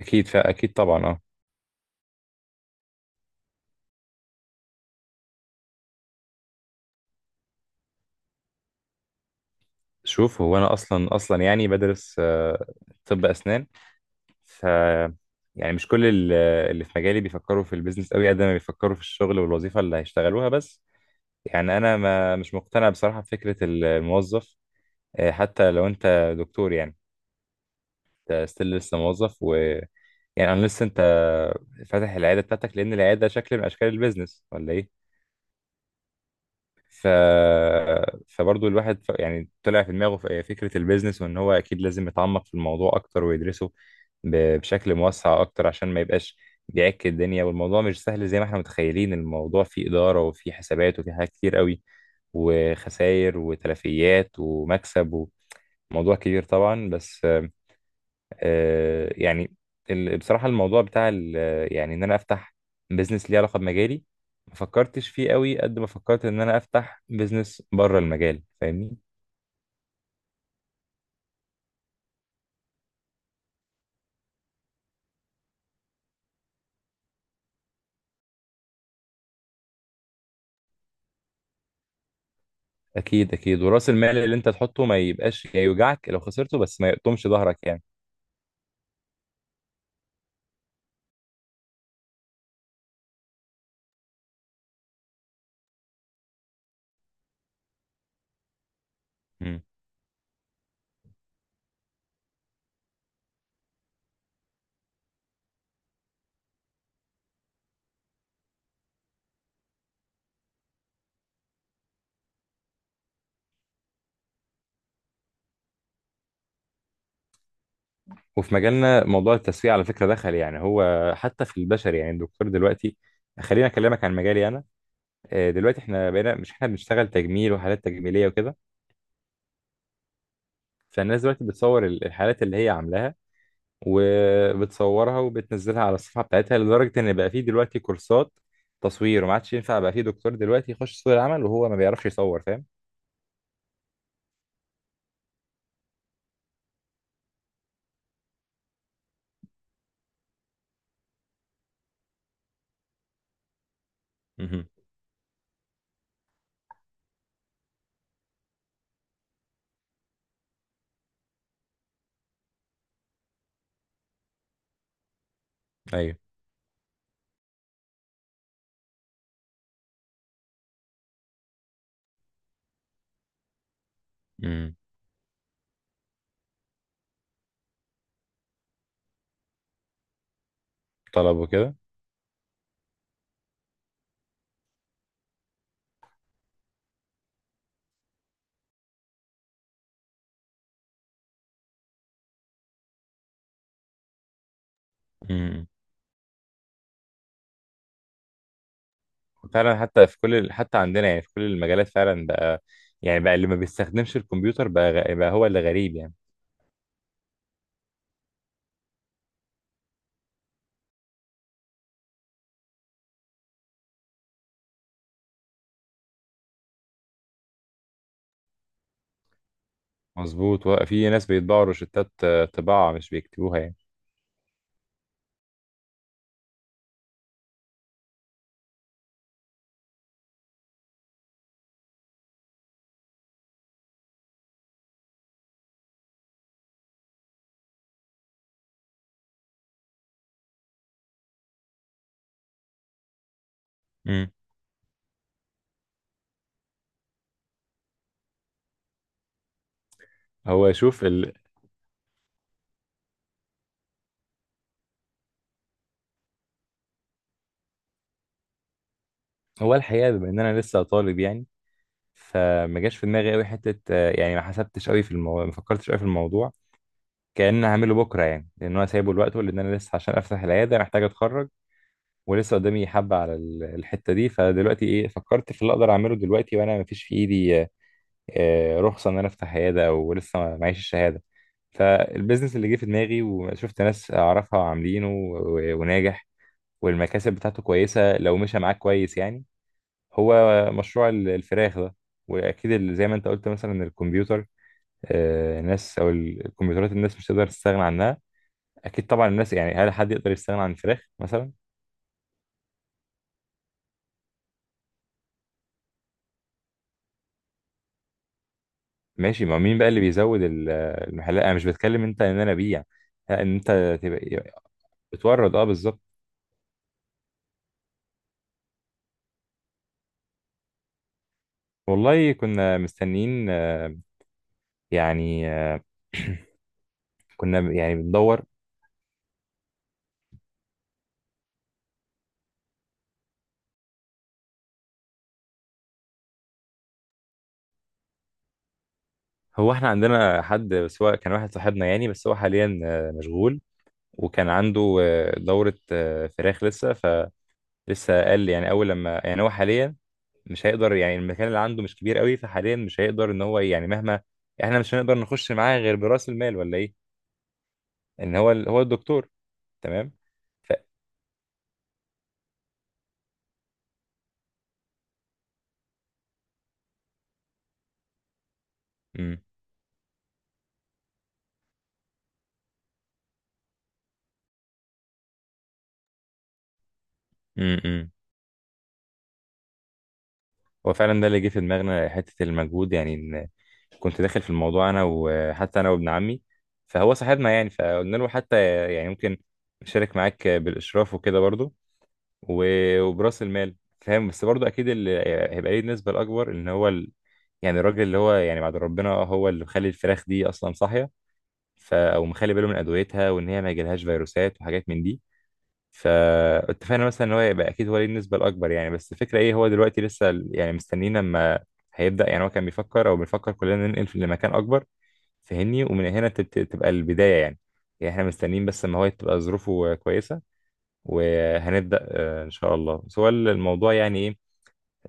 فاكيد طبعا، اه. شوف، هو انا اصلا اصلا يعني بدرس، طب اسنان. ف يعني مش كل ال- اللي في مجالي بيفكروا في البيزنس قوي قد ما بيفكروا في الشغل والوظيفه اللي هيشتغلوها بس. يعني انا ما مش مقتنع بصراحه بفكره الموظف. حتى لو انت دكتور، يعني انت ستيل لسه موظف. يعني انا لسه انت فاتح العياده بتاعتك لان العياده شكل من اشكال البيزنس ولا ايه؟ ف... فبرضه الواحد يعني طلع في دماغه فكرة البيزنس، وان هو اكيد لازم يتعمق في الموضوع اكتر ويدرسه بشكل موسع اكتر عشان ما يبقاش بيعك الدنيا، والموضوع مش سهل زي ما احنا متخيلين. الموضوع فيه إدارة وفيه حسابات وفيه حاجات كتير قوي، وخسائر وتلفيات ومكسب، وموضوع كبير طبعا. بس يعني بصراحة الموضوع بتاع يعني إن أنا أفتح بيزنس ليه علاقة بمجالي ما فكرتش فيه قوي قد ما فكرت إن أنا أفتح بيزنس بره المجال، فاهمني؟ أكيد أكيد، ورأس المال اللي أنت تحطه ما يبقاش يوجعك لو خسرته بس ما يقطمش ظهرك يعني. مم. وفي مجالنا موضوع التسويق على فكرة دخل، يعني هو حتى في البشري، يعني الدكتور دلوقتي. خلينا أكلمك عن مجالي أنا. دلوقتي إحنا بقينا مش، إحنا بنشتغل تجميل وحالات تجميلية وكده. فالناس دلوقتي بتصور الحالات اللي هي عاملاها، وبتصورها وبتنزلها على الصفحة بتاعتها لدرجة إن بقى فيه دلوقتي كورسات تصوير. وما عادش ينفع بقى فيه دكتور دلوقتي يخش سوق العمل وهو ما بيعرفش يصور، فاهم؟ مهم. أيوه. مم. طلبه كده. مم. فعلا، حتى في كل حتى عندنا يعني في كل المجالات فعلا بقى. يعني بقى اللي ما بيستخدمش الكمبيوتر بقى، بقى هو اللي غريب يعني. مظبوط، في ناس بيطبعوا روشتات، طباعة مش بيكتبوها يعني. مم. هو شوف هو الحقيقة بما إن أنا لسه طالب يعني، فما جاش في دماغي قوي حته. يعني ما حسبتش قوي في الموضوع، ما فكرتش قوي في الموضوع. كأن هعمله بكره يعني، لان هو سايبه لوقته، لان انا لسه عشان افتح العياده محتاج اتخرج. ولسه قدامي حبه على الحته دي. فدلوقتي ايه، فكرت في اللي اقدر اعمله دلوقتي، وانا ما فيش في ايدي رخصه ان انا افتح عياده، او لسه معيش الشهاده. فالبيزنس اللي جه في دماغي وشفت ناس اعرفها عاملينه وناجح، والمكاسب بتاعته كويسه لو مشى معاك كويس يعني، هو مشروع الفراخ ده. واكيد زي ما انت قلت مثلا الكمبيوتر، ناس او الكمبيوترات، الناس مش تقدر تستغنى عنها. اكيد طبعا. الناس يعني هل حد يقدر يستغنى عن الفراخ مثلا؟ ماشي، ما مين بقى اللي بيزود المحلات؟ انا مش بتكلم انت ان انا ابيع، لا، ان انت تبقى بتورد، اه، بالظبط. والله كنا مستنيين، يعني، كنا يعني بندور. هو احنا عندنا حد بس هو كان واحد صاحبنا يعني، بس هو حاليا مشغول، وكان عنده دورة فراخ لسه. فلسه قال لي يعني اول لما، يعني هو حاليا مش هيقدر. يعني المكان اللي عنده مش كبير قوي، فحاليا مش هيقدر ان هو يعني، مهما، احنا مش هنقدر نخش معاه غير براس المال ولا ايه؟ ان هو هو الدكتور، تمام. ف امم، امم. هو فعلا ده اللي جه في دماغنا حته المجهود يعني، ان كنت داخل في الموضوع انا، وحتى انا وابن عمي. فهو صاحبنا يعني، فقلنا له حتى يعني ممكن نشارك معاك بالاشراف وكده برضو، وبراس المال، فاهم؟ بس برضو اكيد اللي هيبقى ليه النسبه الاكبر ان هو يعني الراجل اللي هو، يعني بعد ربنا هو اللي مخلي الفراخ دي اصلا صاحيه، او مخلي باله من ادويتها وان هي ما يجيلهاش فيروسات وحاجات من دي. فاتفقنا مثلا ان هو يبقى اكيد هو ليه النسبه الاكبر يعني. بس الفكره ايه، هو دلوقتي لسه يعني مستنيين لما هيبدا. يعني هو كان بيفكر او بنفكر كلنا ننقل لمكان اكبر، فهمني؟ ومن هنا تبقى البدايه يعني. يعني احنا مستنيين بس ما هو تبقى ظروفه كويسه، وهنبدأ إن شاء الله. بس هو الموضوع يعني إيه،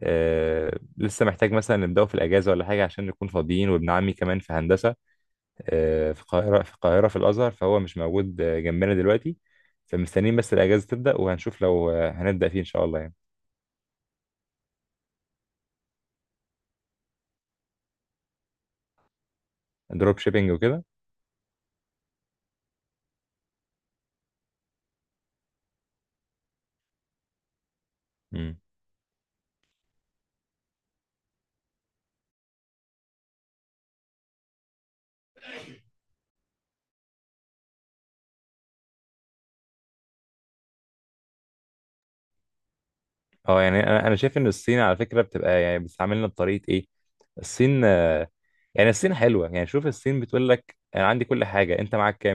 لسه محتاج مثلا نبدأه في الأجازة ولا حاجة عشان نكون فاضيين. وابن عمي كمان في هندسة في القاهرة، في الأزهر، فهو مش موجود جنبنا دلوقتي. فمستنيين بس الأجازة تبدأ، وهنشوف لو هنبدأ فيه إن شاء الله يعني. دروب شيبينج وكده. مم. اه، يعني انا شايف ان الصين على فكره بتبقى يعني بتستعملنا بطريقه ايه. الصين، يعني الصين حلوه يعني. شوف، الصين بتقول لك انا عندي كل حاجه انت معاك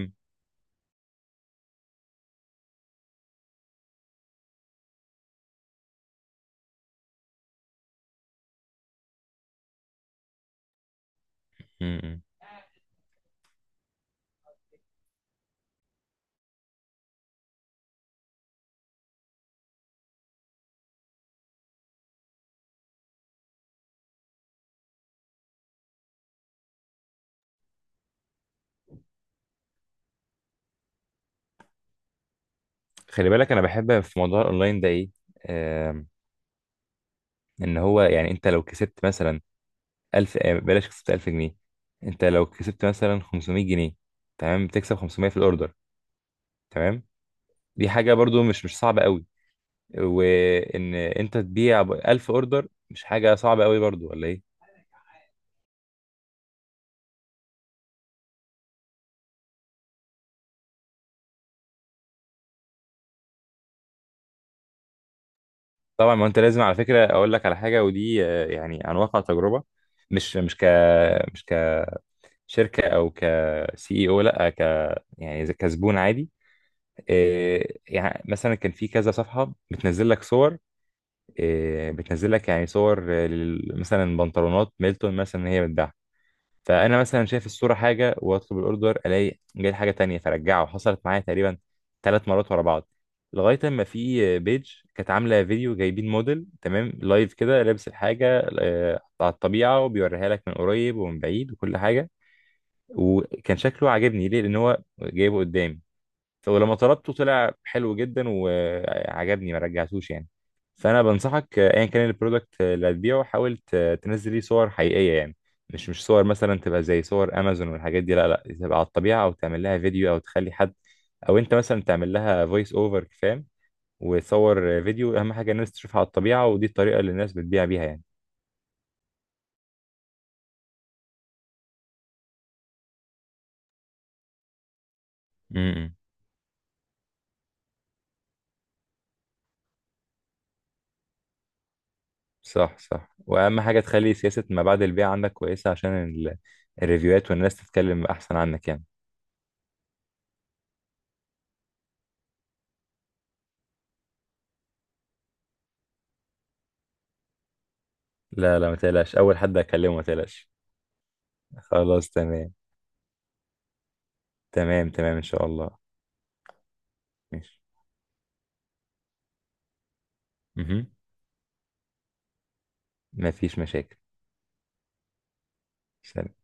كام. خلي بالك، انا بحب في موضوع الاونلاين ده ايه؟ آم، ان هو يعني انت لو كسبت مثلا 1000، بلاش، كسبت 1000 جنيه، انت لو كسبت مثلا 500 جنيه، تمام، بتكسب 500 في الاوردر، تمام. دي حاجه برضو مش صعبه قوي. وان انت تبيع ب 1000 اوردر مش حاجه صعبه قوي برضو ولا ايه؟ طبعا، ما انت لازم، على فكره اقول لك على حاجه ودي يعني عن واقع تجربه. مش مش ك مش كشركه او كسي اي، او لا، يعني زي كزبون عادي. يعني مثلا كان في كذا صفحة بتنزل لك صور، بتنزل لك يعني صور، مثلا بنطلونات ميلتون مثلا إن هي بتباع. فأنا مثلا شايف الصورة حاجة وأطلب الأوردر ألاقي جاي حاجة تانية. فرجعه حصلت معايا تقريبا 3 مرات ورا بعض. لغاية ما في بيج كانت عاملة فيديو، جايبين موديل تمام لايف كده لابس الحاجة على الطبيعة، وبيوريها لك من قريب ومن بعيد وكل حاجة. وكان شكله عاجبني ليه، لأن هو جايبه قدامي. ولما طلبته طلع حلو جدا وعجبني، ما رجعتوش يعني. فانا بنصحك ايا كان البرودكت اللي هتبيعه، حاول تنزل ليه صور حقيقيه يعني. مش صور مثلا تبقى زي صور امازون والحاجات دي، لا لا، تبقى على الطبيعه، او تعمل لها فيديو، او تخلي حد، او انت مثلا تعمل لها فويس اوفر، فاهم؟ وتصور فيديو. اهم حاجه الناس تشوفها على الطبيعه، ودي الطريقه اللي الناس بتبيع بيها يعني. امم. صح صح، واهم حاجه تخلي سياسه ما بعد البيع عندك كويسه عشان الريفيوهات، والناس تتكلم احسن عنك يعني. لا لا، ما تقلقش، اول حد اكلمه، ما تقلقش. خلاص، تمام. تمام ان شاء الله. ماشي. مهم. ما فيش مشاكل. سلام.